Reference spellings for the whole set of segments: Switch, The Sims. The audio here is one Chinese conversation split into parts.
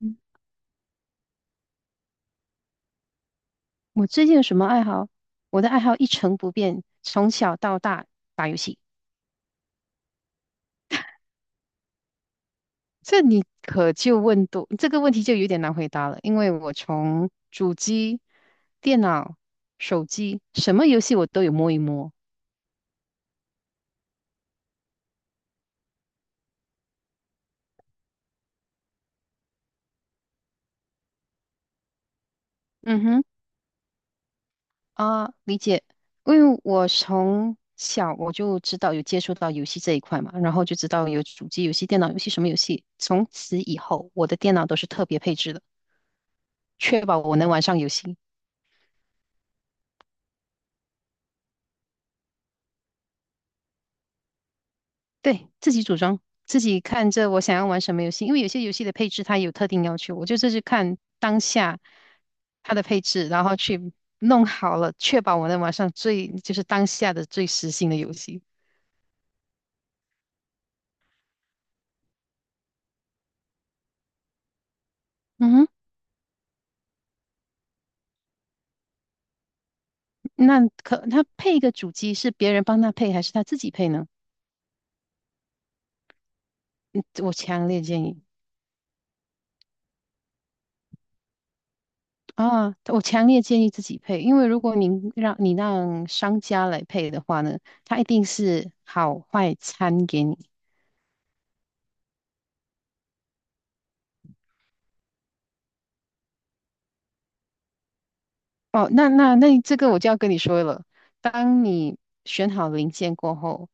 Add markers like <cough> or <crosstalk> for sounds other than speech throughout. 嗯，我最近有什么爱好？我的爱好一成不变，从小到大打游戏。这你可就问多，这个问题就有点难回答了，因为我从主机、电脑、手机，什么游戏我都有摸一摸。嗯哼。理解。因为我从小我就知道有接触到游戏这一块嘛，然后就知道有主机游戏、电脑游戏什么游戏。从此以后，我的电脑都是特别配置的，确保我能玩上游戏。对，自己组装，自己看着我想要玩什么游戏，因为有些游戏的配置它有特定要求，我就是去看当下它的配置，然后去弄好了，确保我能玩上最当下的最时兴的游戏。嗯哼。那可他配一个主机是别人帮他配还是他自己配呢？我强烈建议，我强烈建议自己配，因为如果您让商家来配的话呢，他一定是好坏参给你。哦，那这个我就要跟你说了。当你选好零件过后，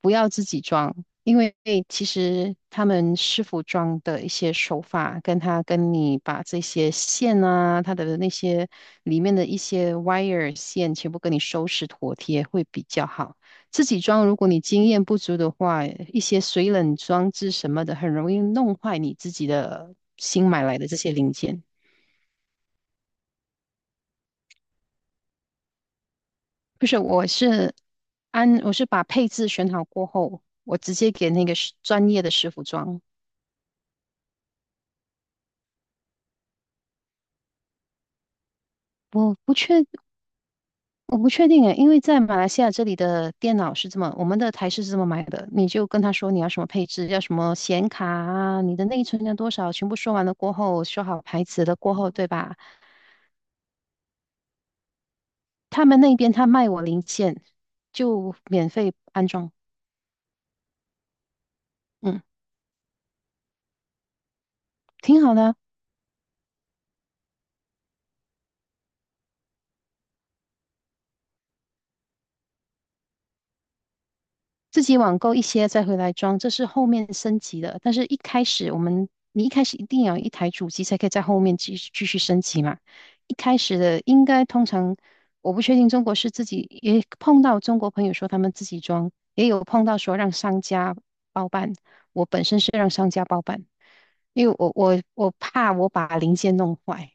不要自己装，因为其实他们师傅装的一些手法，跟你把这些线啊，它的那些里面的一些 wire 线全部跟你收拾妥帖会比较好。自己装，如果你经验不足的话，一些水冷装置什么的，很容易弄坏你自己的新买来的这些零件。不是，我是我是把配置选好过后，我直接给那个专业的师傅装。我不确我不确定诶，因为在马来西亚这里的电脑是这么，我们的台式是这么买的，你就跟他说你要什么配置，要什么显卡啊，你的内存要多少，全部说完了过后，说好牌子了过后，对吧？他们那边他卖我零件，就免费安装。嗯，挺好的啊。自己网购一些再回来装，这是后面升级的。但是一开始我们，你一开始一定要有一台主机才可以在后面继续升级嘛。一开始的应该通常，我不确定中国，自己也碰到中国朋友说他们自己装，也有碰到说让商家包办。我本身是让商家包办，因为我怕我把零件弄坏。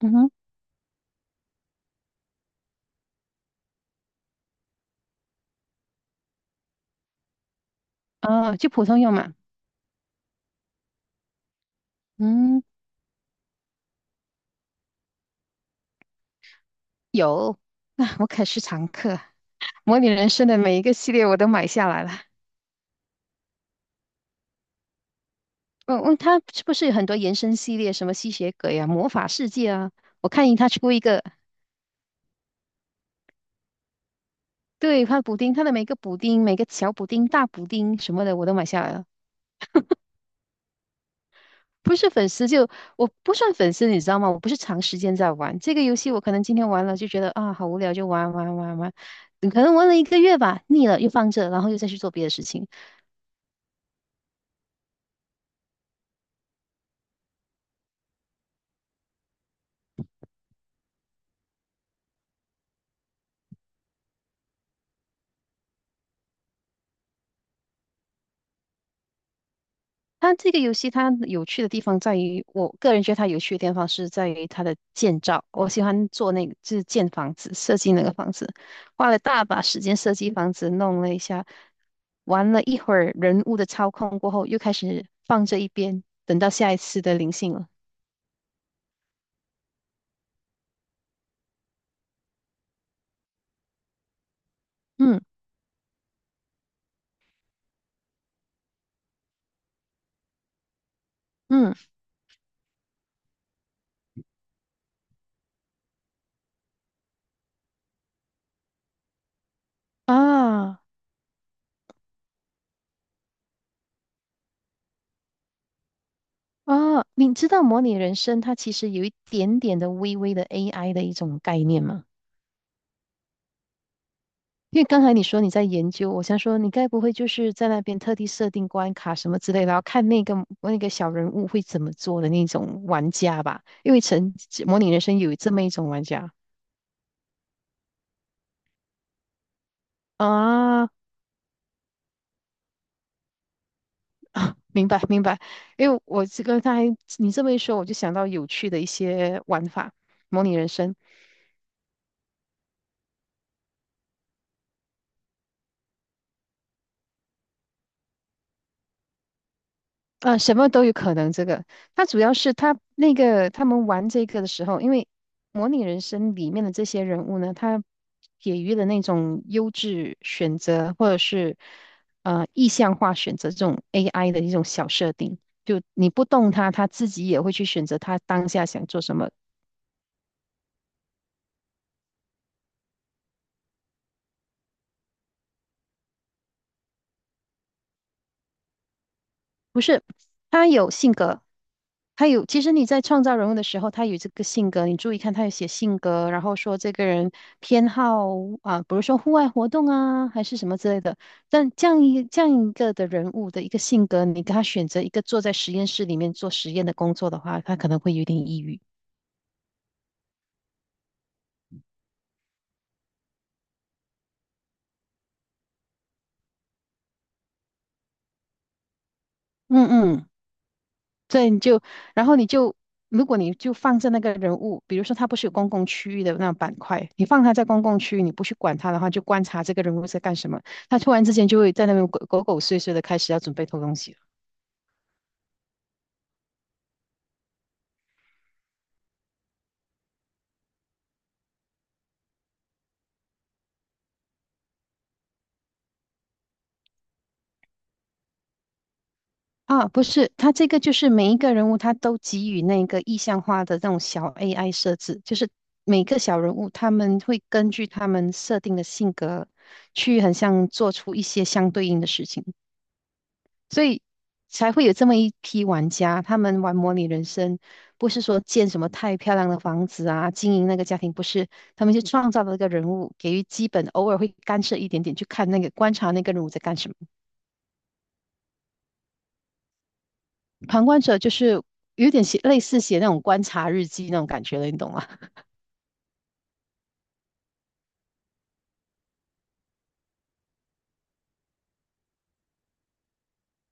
嗯哼。哦，就普通用嘛。嗯，有，<laughs> 那我可是常客。模拟人生的每一个系列我都买下来了。嗯嗯，它是不是有很多延伸系列，什么吸血鬼啊、魔法世界啊？我看它出一个，对，它补丁，它的每个补丁、每个小补丁、大补丁什么的，我都买下来了。不是粉丝，我不算粉丝，你知道吗？我不是长时间在玩这个游戏，我可能今天玩了就觉得啊好无聊，就玩，嗯可能玩了一个月吧，腻了又放着，然后又再去做别的事情。它这个游戏它有趣的地方在于，我个人觉得它有趣的地方是在于它的建造。我喜欢做那个，就是建房子，设计那个房子，花了大把时间设计房子，弄了一下，玩了一会儿人物的操控过后，又开始放这一边，等到下一次的灵性了。嗯嗯。啊啊，你知道模拟人生它其实有一点点的微微的 AI 的一种概念吗？因为刚才你说你在研究，我想说你该不会就是在那边特地设定关卡什么之类的，然后看那个小人物会怎么做的那种玩家吧？因为模拟人生有这么一种玩家。啊，啊 <laughs> 明白明白。因为我这个刚才你这么一说，我就想到有趣的一些玩法，模拟人生。呃，什么都有可能。这个，它主要是他们玩这个的时候，因为模拟人生里面的这些人物呢，他给予的那种优质选择，或者是意向化选择这种 AI 的一种小设定，就你不动它，它自己也会去选择它当下想做什么。不是，他有性格，他有。其实你在创造人物的时候，他有这个性格，你注意看，他有写性格，然后说这个人偏好啊，比如说户外活动啊，还是什么之类的。但这样一个的人物的一个性格，你给他选择一个坐在实验室里面做实验的工作的话，他可能会有点抑郁。嗯嗯。对，然后你就，如果你就放着那个人物，比如说他不是有公共区域的那种板块，你放他在公共区域，你不去管他的话，就观察这个人物在干什么，他突然之间就会在那边鬼鬼狗祟碎的开始要准备偷东西了。啊，不是，他这个就是每一个人物他都给予那个意象化的那种小 AI 设置，就是每个小人物他们会根据他们设定的性格去很像做出一些相对应的事情。所以才会有这么一批玩家，他们玩模拟人生，不是说建什么太漂亮的房子啊，经营那个家庭，不是，他们就创造了一个人物，给予基本，偶尔会干涉一点点，去看观察那个人物在干什么。旁观者就是有点类似写那种观察日记那种感觉了，你懂吗？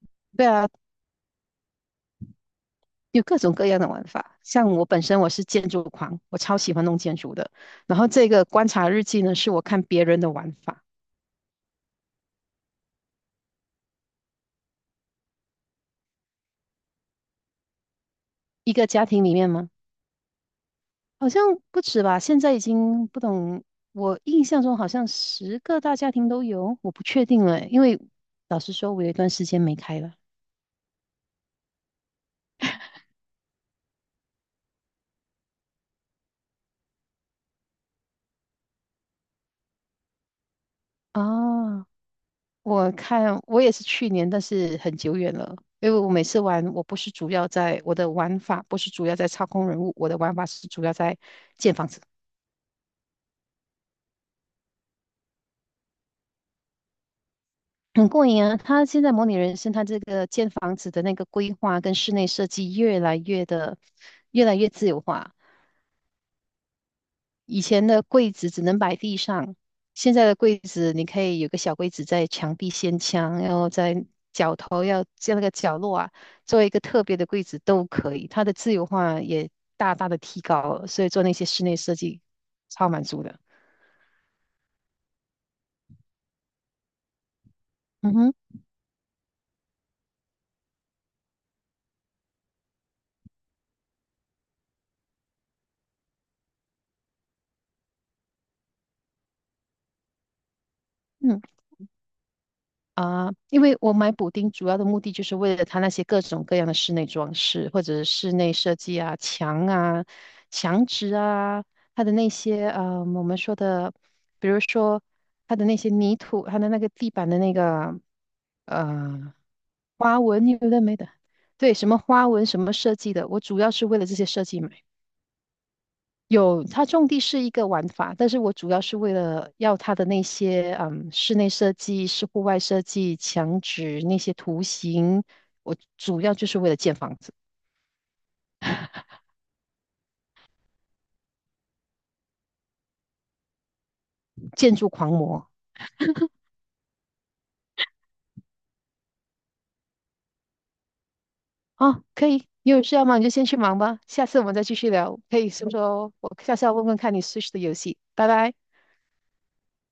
<laughs> 对啊，有各种各样的玩法。像我本身我是建筑狂，我超喜欢弄建筑的。然后这个观察日记呢，是我看别人的玩法。一个家庭里面吗？好像不止吧，现在已经不懂。我印象中好像十个大家庭都有，我不确定了，因为老实说，我有一段时间没开了。啊，我看我也是去年，但是很久远了。因为我每次玩，我的玩法，不是主要在操控人物，我的玩法是主要在建房子，很过瘾啊。他现在模拟人生，他这个建房子的那个规划跟室内设计越来越的越来越自由化。以前的柜子只能摆地上，现在的柜子你可以有个小柜子在墙壁掀墙，然后在角头要在那个角落啊，做一个特别的柜子都可以。它的自由化也大大的提高了，所以做那些室内设计超满足的。嗯哼，嗯。啊，因为我买补丁主要的目的就是为了它那些各种各样的室内装饰，或者是室内设计啊、墙啊、墙纸啊，它的那些我们说的，比如说它的那些泥土，它的那个地板的那个呃花纹，有的没的。对，什么花纹、什么设计的，我主要是为了这些设计。有，它种地是一个玩法，但是我主要是为了要它的那些室内设计、是户外设计、墙纸那些图形，我主要就是为了建房子，建筑狂魔。啊，可以，你有事要忙你就先去忙吧，下次我们再继续聊，可以说说哦我下次要问问看你 Switch 的游戏。拜拜。